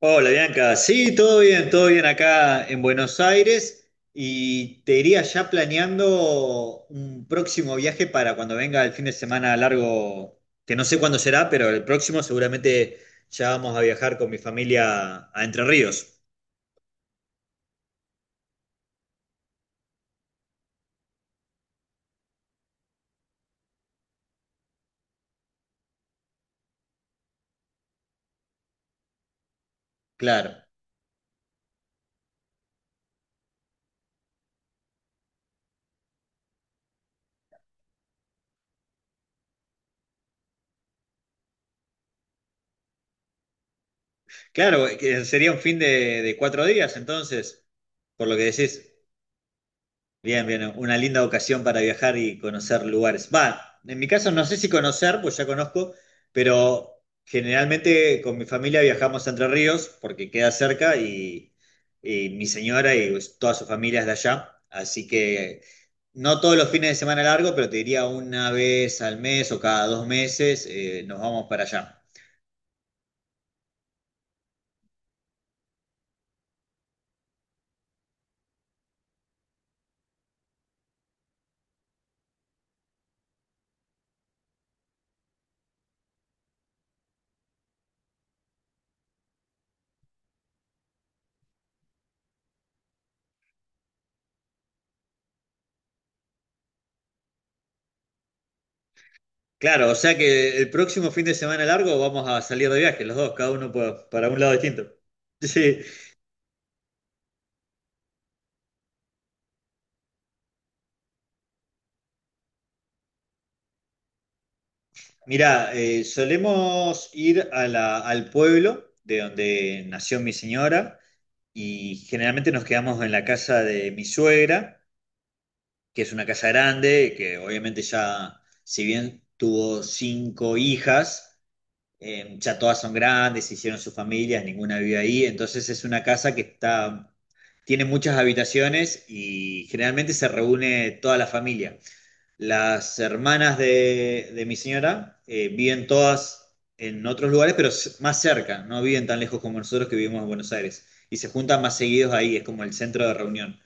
Hola Bianca, sí, todo bien acá en Buenos Aires y te iría ya planeando un próximo viaje para cuando venga el fin de semana largo, que no sé cuándo será, pero el próximo seguramente ya vamos a viajar con mi familia a Entre Ríos. Claro, claro, que sería un fin de 4 días entonces, por lo que decís. Bien, bien, una linda ocasión para viajar y conocer lugares. Va, en mi caso no sé si conocer, pues ya conozco, pero generalmente con mi familia viajamos a Entre Ríos porque queda cerca y mi señora y pues, toda su familia es de allá. Así que no todos los fines de semana largo, pero te diría una vez al mes o cada 2 meses nos vamos para allá. Claro, o sea que el próximo fin de semana largo vamos a salir de viaje, los dos, cada uno para un lado distinto. Sí. Mirá, solemos ir a al pueblo de donde nació mi señora y generalmente nos quedamos en la casa de mi suegra, que es una casa grande, que obviamente ya, si bien tuvo cinco hijas, ya todas son grandes, hicieron sus familias, ninguna vive ahí, entonces es una casa que está, tiene muchas habitaciones y generalmente se reúne toda la familia. Las hermanas de mi señora viven todas en otros lugares, pero más cerca, no viven tan lejos como nosotros que vivimos en Buenos Aires. Y se juntan más seguidos ahí, es como el centro de reunión.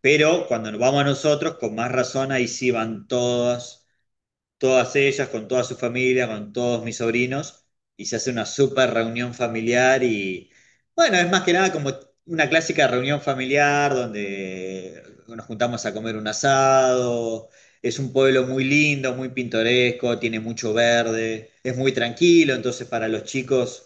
Pero cuando nos vamos a nosotros, con más razón, ahí sí van todas todas ellas, con toda su familia, con todos mis sobrinos, y se hace una super reunión familiar y bueno, es más que nada como una clásica reunión familiar donde nos juntamos a comer un asado, es un pueblo muy lindo, muy pintoresco, tiene mucho verde, es muy tranquilo, entonces para los chicos...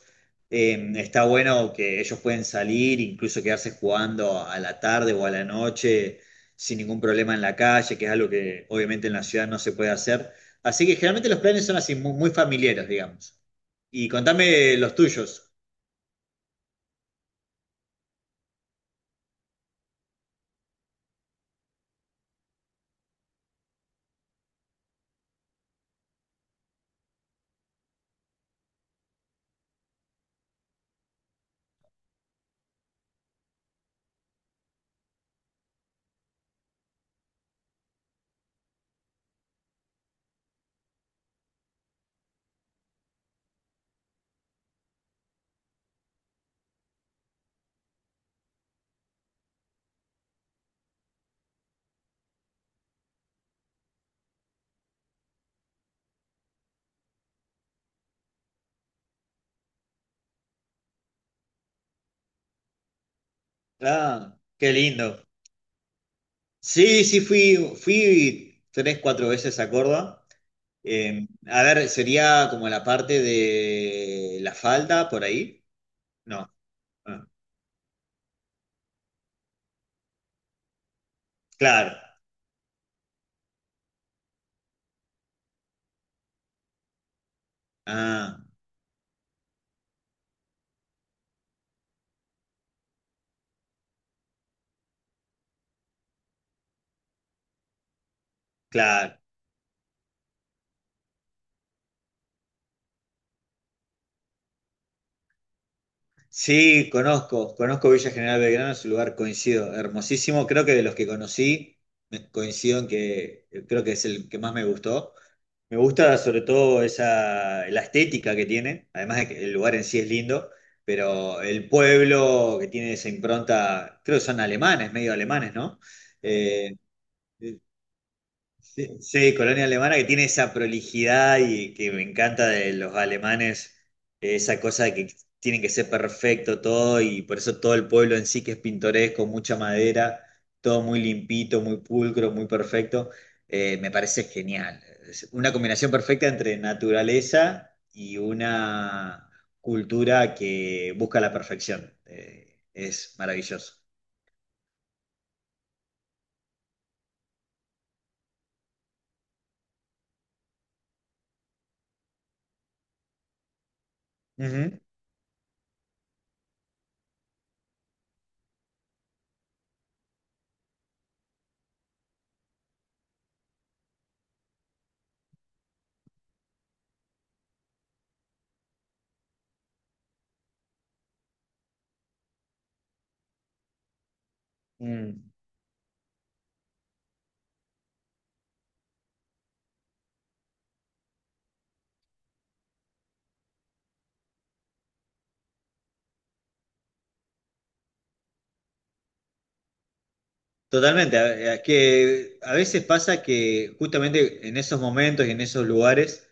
eh, está bueno que ellos pueden salir, incluso quedarse jugando a la tarde o a la noche sin ningún problema en la calle, que es algo que obviamente en la ciudad no se puede hacer. Así que generalmente los planes son así, muy, muy familiares, digamos. Y contame los tuyos. Ah, qué lindo. Sí, sí, fui tres, cuatro veces a Córdoba. A ver, sería como la parte de la falda por ahí. No, ah, claro. Ah, claro. Sí, conozco Villa General Belgrano, es un lugar coincido, hermosísimo. Creo que de los que conocí, coincido en que creo que es el que más me gustó. Me gusta sobre todo esa, la estética que tiene, además de que el lugar en sí es lindo, pero el pueblo que tiene esa impronta, creo que son alemanes, medio alemanes, ¿no? Eh, Sí, sí, colonia alemana que tiene esa prolijidad y que me encanta de los alemanes, esa cosa de que tienen que ser perfecto todo y por eso todo el pueblo en sí que es pintoresco, mucha madera, todo muy limpito, muy pulcro, muy perfecto, me parece genial. Es una combinación perfecta entre naturaleza y una cultura que busca la perfección. Es maravilloso. Ujú. Mm. Totalmente, a que a veces pasa que justamente en esos momentos y en esos lugares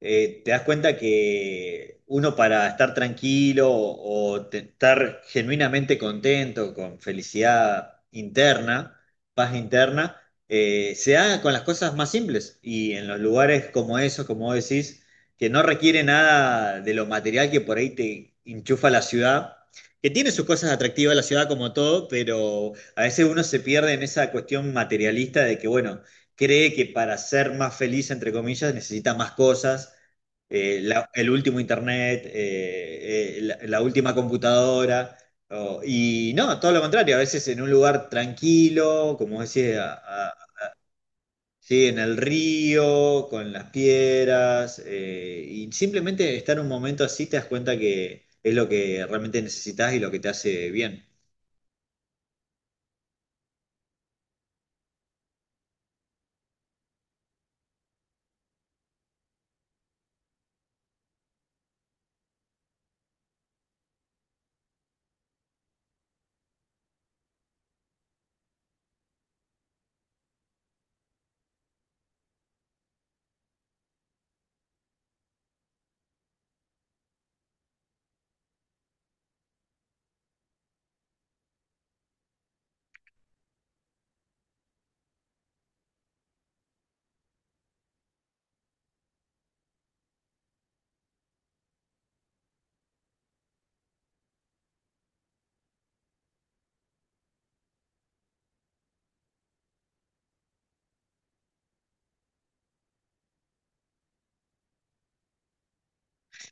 te das cuenta que uno para estar tranquilo o estar genuinamente contento, con felicidad interna, paz interna, se haga con las cosas más simples y en los lugares como esos, como vos decís, que no requiere nada de lo material que por ahí te enchufa la ciudad, que tiene sus cosas atractivas la ciudad como todo, pero a veces uno se pierde en esa cuestión materialista de que, bueno, cree que para ser más feliz, entre comillas, necesita más cosas. El último internet, la última computadora. Y no, todo lo contrario, a veces en un lugar tranquilo, como decía, sí, en el río, con las piedras, y simplemente estar un momento así te das cuenta que es lo que realmente necesitas y lo que te hace bien.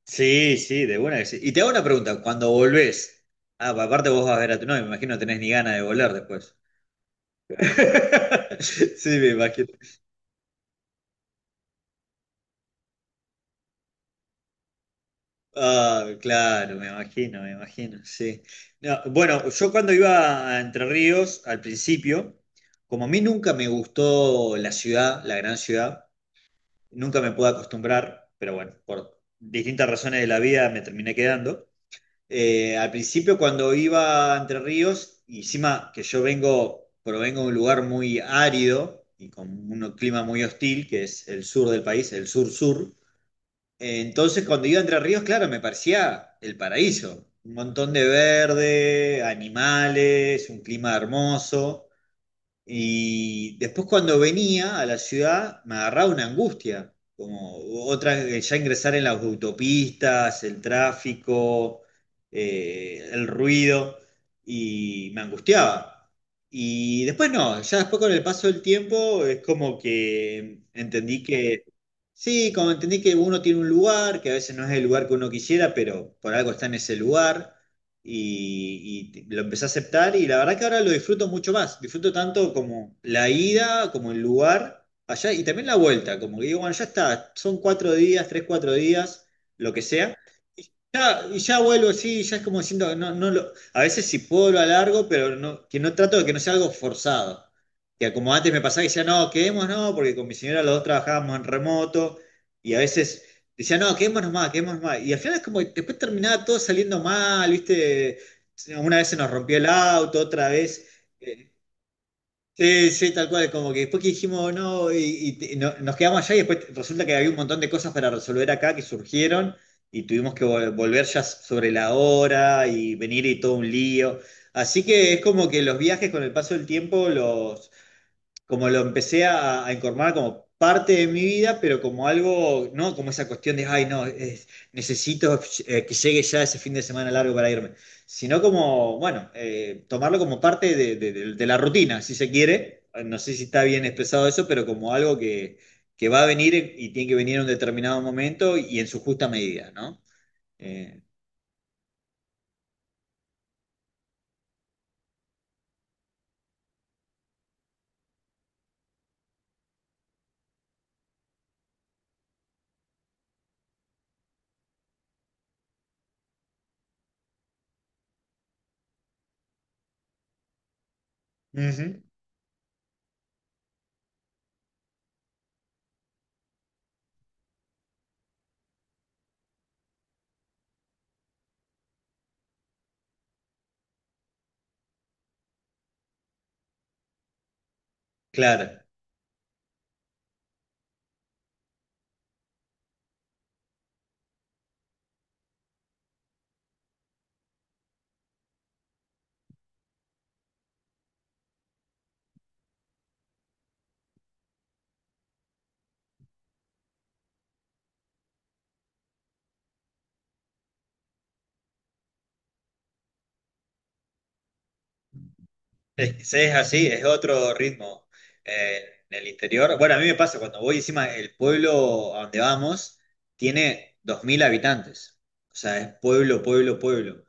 Sí, sí, de buena que sí. Y te hago una pregunta, cuando volvés, aparte vos vas a ver a tu novia, me imagino no tenés ni ganas de volver después. Sí, me imagino. Ah, claro, me imagino, sí. No, bueno, yo cuando iba a Entre Ríos, al principio, como a mí nunca me gustó la ciudad, la gran ciudad, nunca me pude acostumbrar, pero bueno, por distintas razones de la vida me terminé quedando. Al principio cuando iba a Entre Ríos, y encima que yo vengo, provengo de un lugar muy árido y con un clima muy hostil, que es el sur del país, el sur-sur, entonces cuando iba a Entre Ríos, claro, me parecía el paraíso, un montón de verde, animales, un clima hermoso. Y después cuando venía a la ciudad me agarraba una angustia, como otra, ya ingresar en las autopistas, el tráfico, el ruido, y me angustiaba. Y después no, ya después con el paso del tiempo es como que entendí que, sí, como entendí que uno tiene un lugar, que a veces no es el lugar que uno quisiera, pero por algo está en ese lugar y lo empecé a aceptar y la verdad que ahora lo disfruto mucho más. Disfruto tanto como la ida, como el lugar allá y también la vuelta, como que digo, bueno, ya está, son 4 días, tres, 4 días, lo que sea. Y ya vuelvo, así ya es como diciendo que no, no lo, a veces si puedo lo alargo, pero no, que no trato de que no sea algo forzado. Que como antes me pasaba que decía, no, quedemos, no, porque con mi señora los dos trabajábamos en remoto y a veces decía, no, quedémonos más, quedémonos más. Y al final es como que después terminaba todo saliendo mal, ¿viste? Una vez se nos rompió el auto, otra vez. Sí, sí, tal cual. Como que después que dijimos, no, nos quedamos allá y después resulta que había un montón de cosas para resolver acá que surgieron y tuvimos que volver ya sobre la hora y venir y todo un lío. Así que es como que los viajes con el paso del tiempo los como lo empecé a incorporar como parte de mi vida, pero como algo, no como esa cuestión de, ay, no, necesito que llegue ya ese fin de semana largo para irme, sino como, bueno, tomarlo como parte de, de la rutina, si se quiere. No sé si está bien expresado eso, pero como algo que va a venir y tiene que venir en un determinado momento y en su justa medida, ¿no? Eh, Ujú, claro. Es, sí, es así, es otro ritmo eh, en el interior. Bueno, a mí me pasa cuando voy encima, el pueblo a donde vamos tiene 2.000 habitantes. O sea, es pueblo, pueblo, pueblo.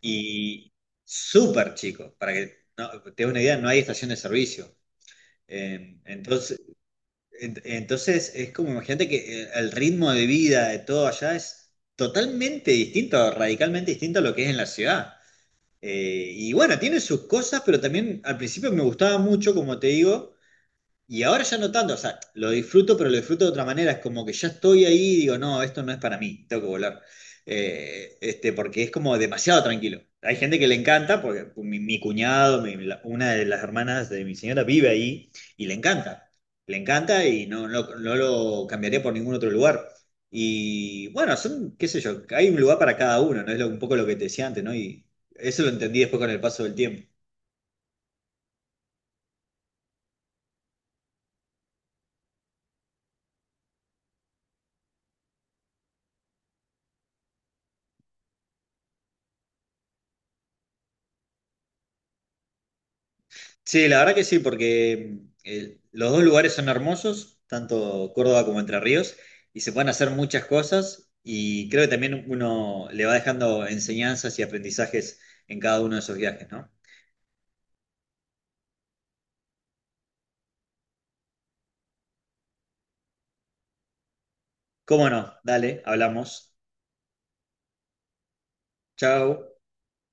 Y súper chico, para que no, te des una idea, no hay estación de servicio. Eh, entonces, entonces, es como, imagínate que el ritmo de vida de todo allá es totalmente distinto, radicalmente distinto a lo que es en la ciudad. Y bueno, tiene sus cosas, pero también al principio me gustaba mucho, como te digo, y ahora ya no tanto, o sea, lo disfruto, pero lo disfruto de otra manera. Es como que ya estoy ahí y digo, no, esto no es para mí, tengo que volar. Este, porque es como demasiado tranquilo. Hay gente que le encanta, porque mi cuñado, una de las hermanas de mi señora vive ahí y le encanta. Le encanta y no, no, no lo cambiaría por ningún otro lugar. Y bueno, son, qué sé yo, hay un lugar para cada uno, ¿no? Es un poco lo que te decía antes, ¿no? Y eso lo entendí después con el paso del tiempo. Sí, la verdad que sí, porque los dos lugares son hermosos, tanto Córdoba como Entre Ríos, y se pueden hacer muchas cosas, y creo que también uno le va dejando enseñanzas y aprendizajes en cada uno de esos viajes, ¿no? ¿Cómo no? Dale, hablamos. Chao.